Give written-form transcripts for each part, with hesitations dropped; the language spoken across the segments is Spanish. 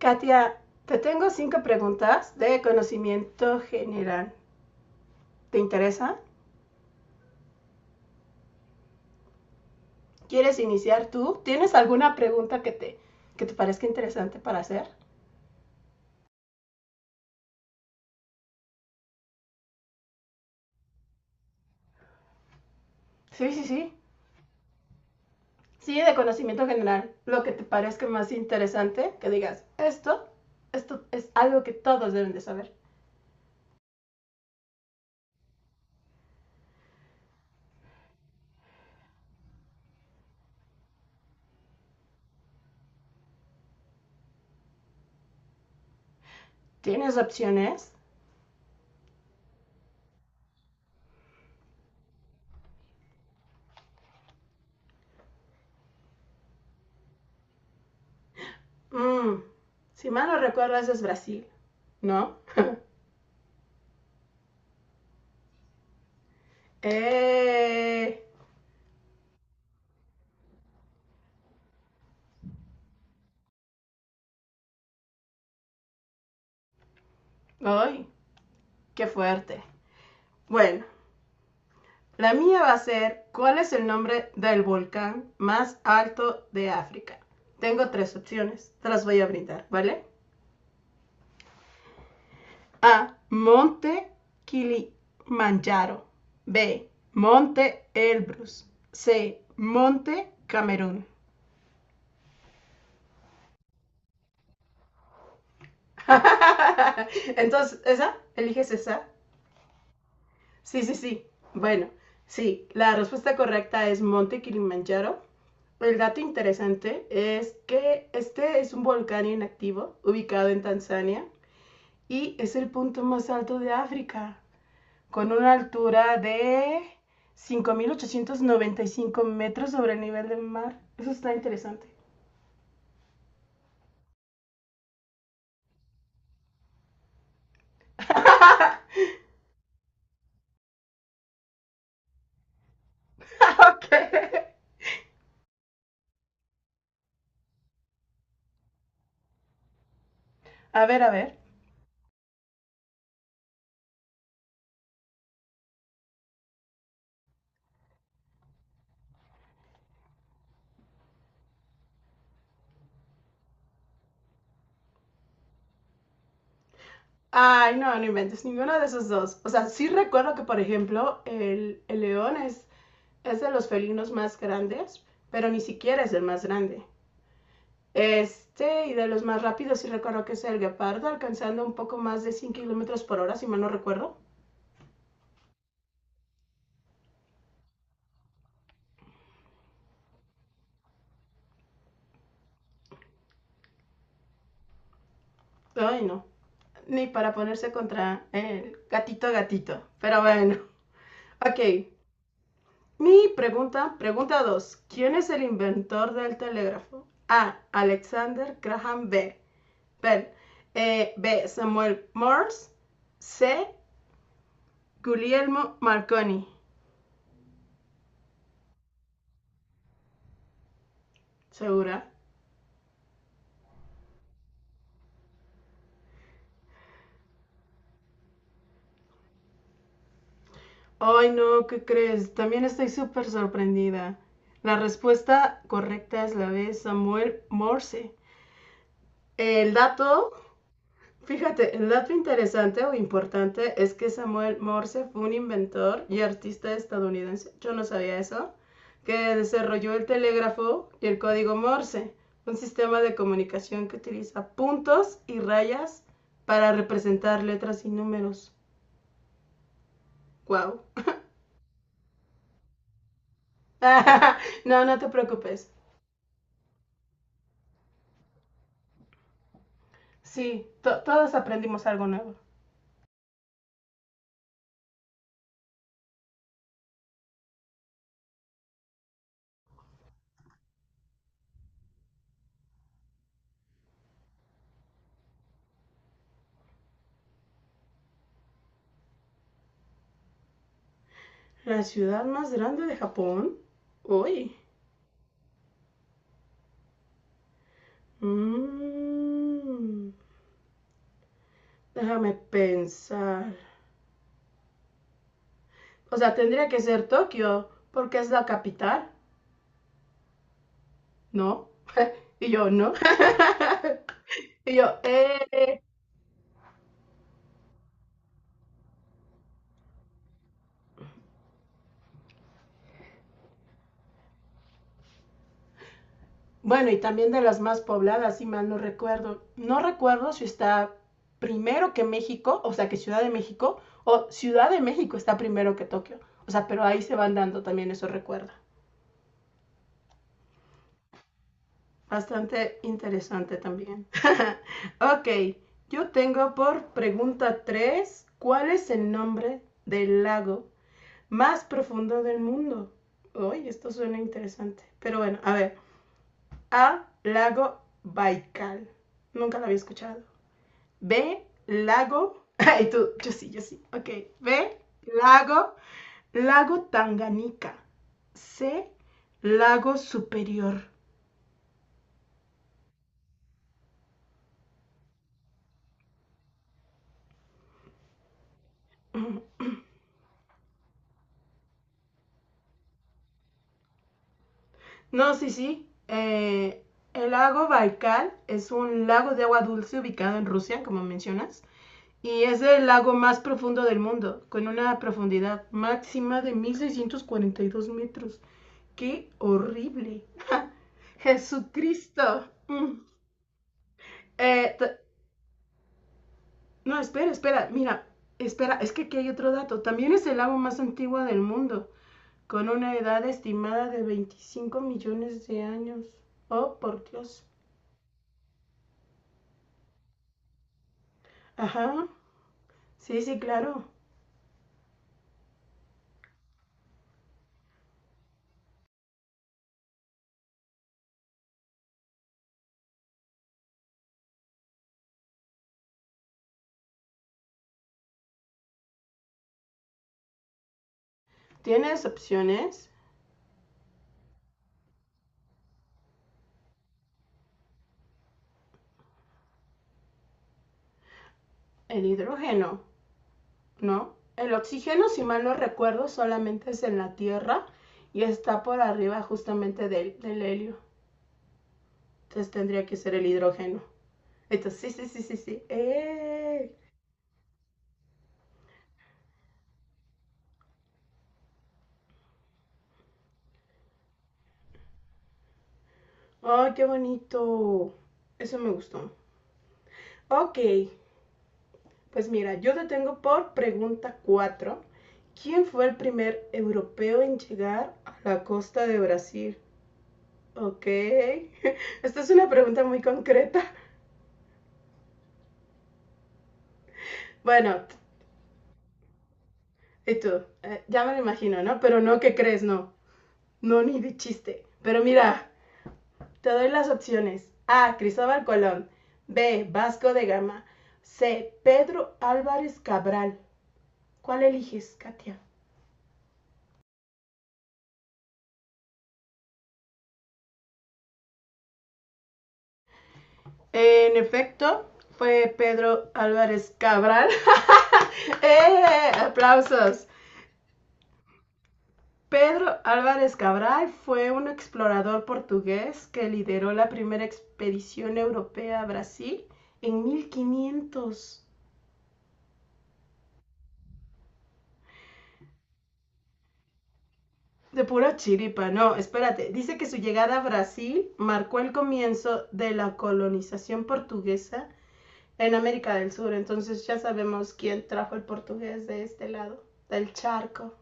Katia, te tengo cinco preguntas de conocimiento general. ¿Te interesa? ¿Quieres iniciar tú? ¿Tienes alguna pregunta que te parezca interesante para hacer? Sí, sí, sí. Sí, de conocimiento general. Lo que te parezca más interesante, que digas, esto es algo que todos deben de saber. ¿Tienes opciones? Mm, si mal no recuerdo, eso es Brasil, ¿no? ¡Eh! ¡Ay! ¡Qué fuerte! Bueno, la mía va a ser, ¿cuál es el nombre del volcán más alto de África? Tengo tres opciones, te las voy a brindar, ¿vale? A, Monte Kilimanjaro. B, Monte Elbrus. C, Monte Camerún. Entonces, ¿esa? ¿Eliges esa? Sí, sí, sí. Bueno, sí, la respuesta correcta es Monte Kilimanjaro. El dato interesante es que este es un volcán inactivo ubicado en Tanzania y es el punto más alto de África, con una altura de 5.895 metros sobre el nivel del mar. Eso está interesante. Ok. A ver, a ver. Ay, no, no inventes ninguno de esos dos. O sea, sí recuerdo que, por ejemplo, el león es de los felinos más grandes, pero ni siquiera es el más grande. Este, y de los más rápidos, sí recuerdo que es el guepardo, alcanzando un poco más de 100 kilómetros por hora, si mal no recuerdo. Ay, no. Ni para ponerse contra el gatito gatito. Pero bueno. Ok. Mi pregunta 2. ¿Quién es el inventor del telégrafo? A, Alexander Graham B. Ben, B, Samuel Morse. C, Guglielmo Marconi. ¿Segura? Ay, no, ¿qué crees? También estoy súper sorprendida. La respuesta correcta es la B, Samuel Morse. El dato... Fíjate, el dato interesante o importante es que Samuel Morse fue un inventor y artista estadounidense, yo no sabía eso, que desarrolló el telégrafo y el código Morse, un sistema de comunicación que utiliza puntos y rayas para representar letras y números. ¡Guau! No, no te preocupes. Sí, todos aprendimos algo nuevo. La ciudad más grande de Japón. Uy. Mm. Déjame pensar. O sea, tendría que ser Tokio, porque es la capital, ¿no? Y yo, ¿no? Y yo, eh. Bueno, y también de las más pobladas, si mal no recuerdo. No recuerdo si está primero que México, o sea, que Ciudad de México, o Ciudad de México está primero que Tokio. O sea, pero ahí se van dando también esos recuerdos. Bastante interesante también. Ok, yo tengo por pregunta tres, ¿cuál es el nombre del lago más profundo del mundo? Uy, esto suena interesante. Pero bueno, a ver. A, lago Baikal. Nunca lo había escuchado. B, lago... Ay, tú, yo sí, yo sí. Ok. B, lago, lago Tanganica. C, lago superior. Mm, no, sí, sí. El lago Baikal es un lago de agua dulce ubicado en Rusia, como mencionas, y es el lago más profundo del mundo, con una profundidad máxima de 1642 metros. ¡Qué horrible! ¡Ja! ¡Jesucristo! Mm. Eh, no, mira, espera, es que aquí hay otro dato. También es el lago más antiguo del mundo, con una edad estimada de 25 millones de años. Oh, por Dios. Ajá. Sí, sí, claro. Tienes opciones. El hidrógeno, ¿no? El oxígeno, si mal no recuerdo, solamente es en la Tierra y está por arriba justamente del helio. Entonces tendría que ser el hidrógeno. Entonces, sí, sí, sí, sí, sí. ¡Eh! ¡Ay, qué bonito! Eso me gustó. Ok, pues mira, yo te tengo por pregunta 4. ¿Quién fue el primer europeo en llegar a la costa de Brasil? Ok. Esta es una pregunta muy concreta. Bueno, y tú, eh, ya me lo imagino, ¿no? Pero no, ¿qué crees? No, no, ni de chiste. Pero mira, te doy las opciones. A, Cristóbal Colón. B, Vasco de Gama. C, Pedro Álvarez Cabral. ¿Cuál eliges, Katia? En efecto, fue Pedro Álvarez Cabral. ¡Eh! ¡Aplausos! Pedro Álvarez Cabral fue un explorador portugués que lideró la primera expedición europea a Brasil en 1500. De pura chiripa, no, espérate. Dice que su llegada a Brasil marcó el comienzo de la colonización portuguesa en América del Sur. Entonces ya sabemos quién trajo el portugués de este lado, del charco.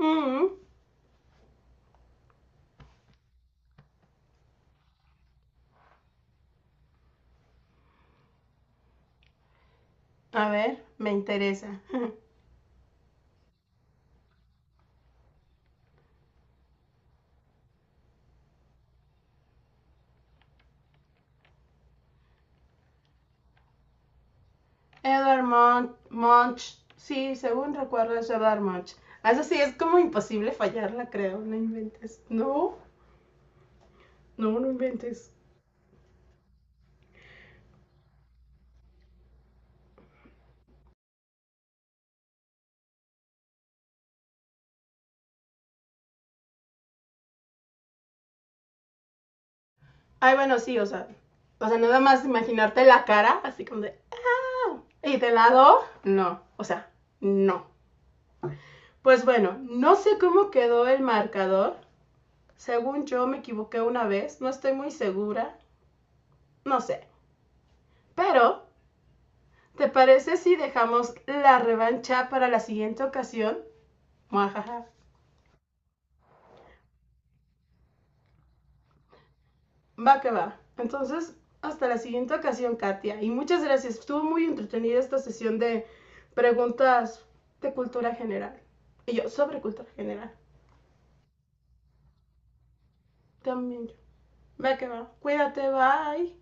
Mm, a ver, me interesa. Edward Munch, Munch. Sí, según recuerdo es Edward Munch. Eso sí, es como imposible fallarla, creo. No inventes. No, no, no inventes. Ay, bueno, sí, o sea. O sea, nada más imaginarte la cara, así como de. ¡Ah! Y de lado, no. O sea, no. Pues bueno, no sé cómo quedó el marcador. Según yo me equivoqué una vez, no estoy muy segura. No sé. Pero, ¿te parece si dejamos la revancha para la siguiente ocasión? Muajaja. Va que va. Entonces, hasta la siguiente ocasión, Katia. Y muchas gracias. Estuvo muy entretenida esta sesión de preguntas de cultura general. Y yo, sobre cultura general. También yo. Va que va. Cuídate, bye.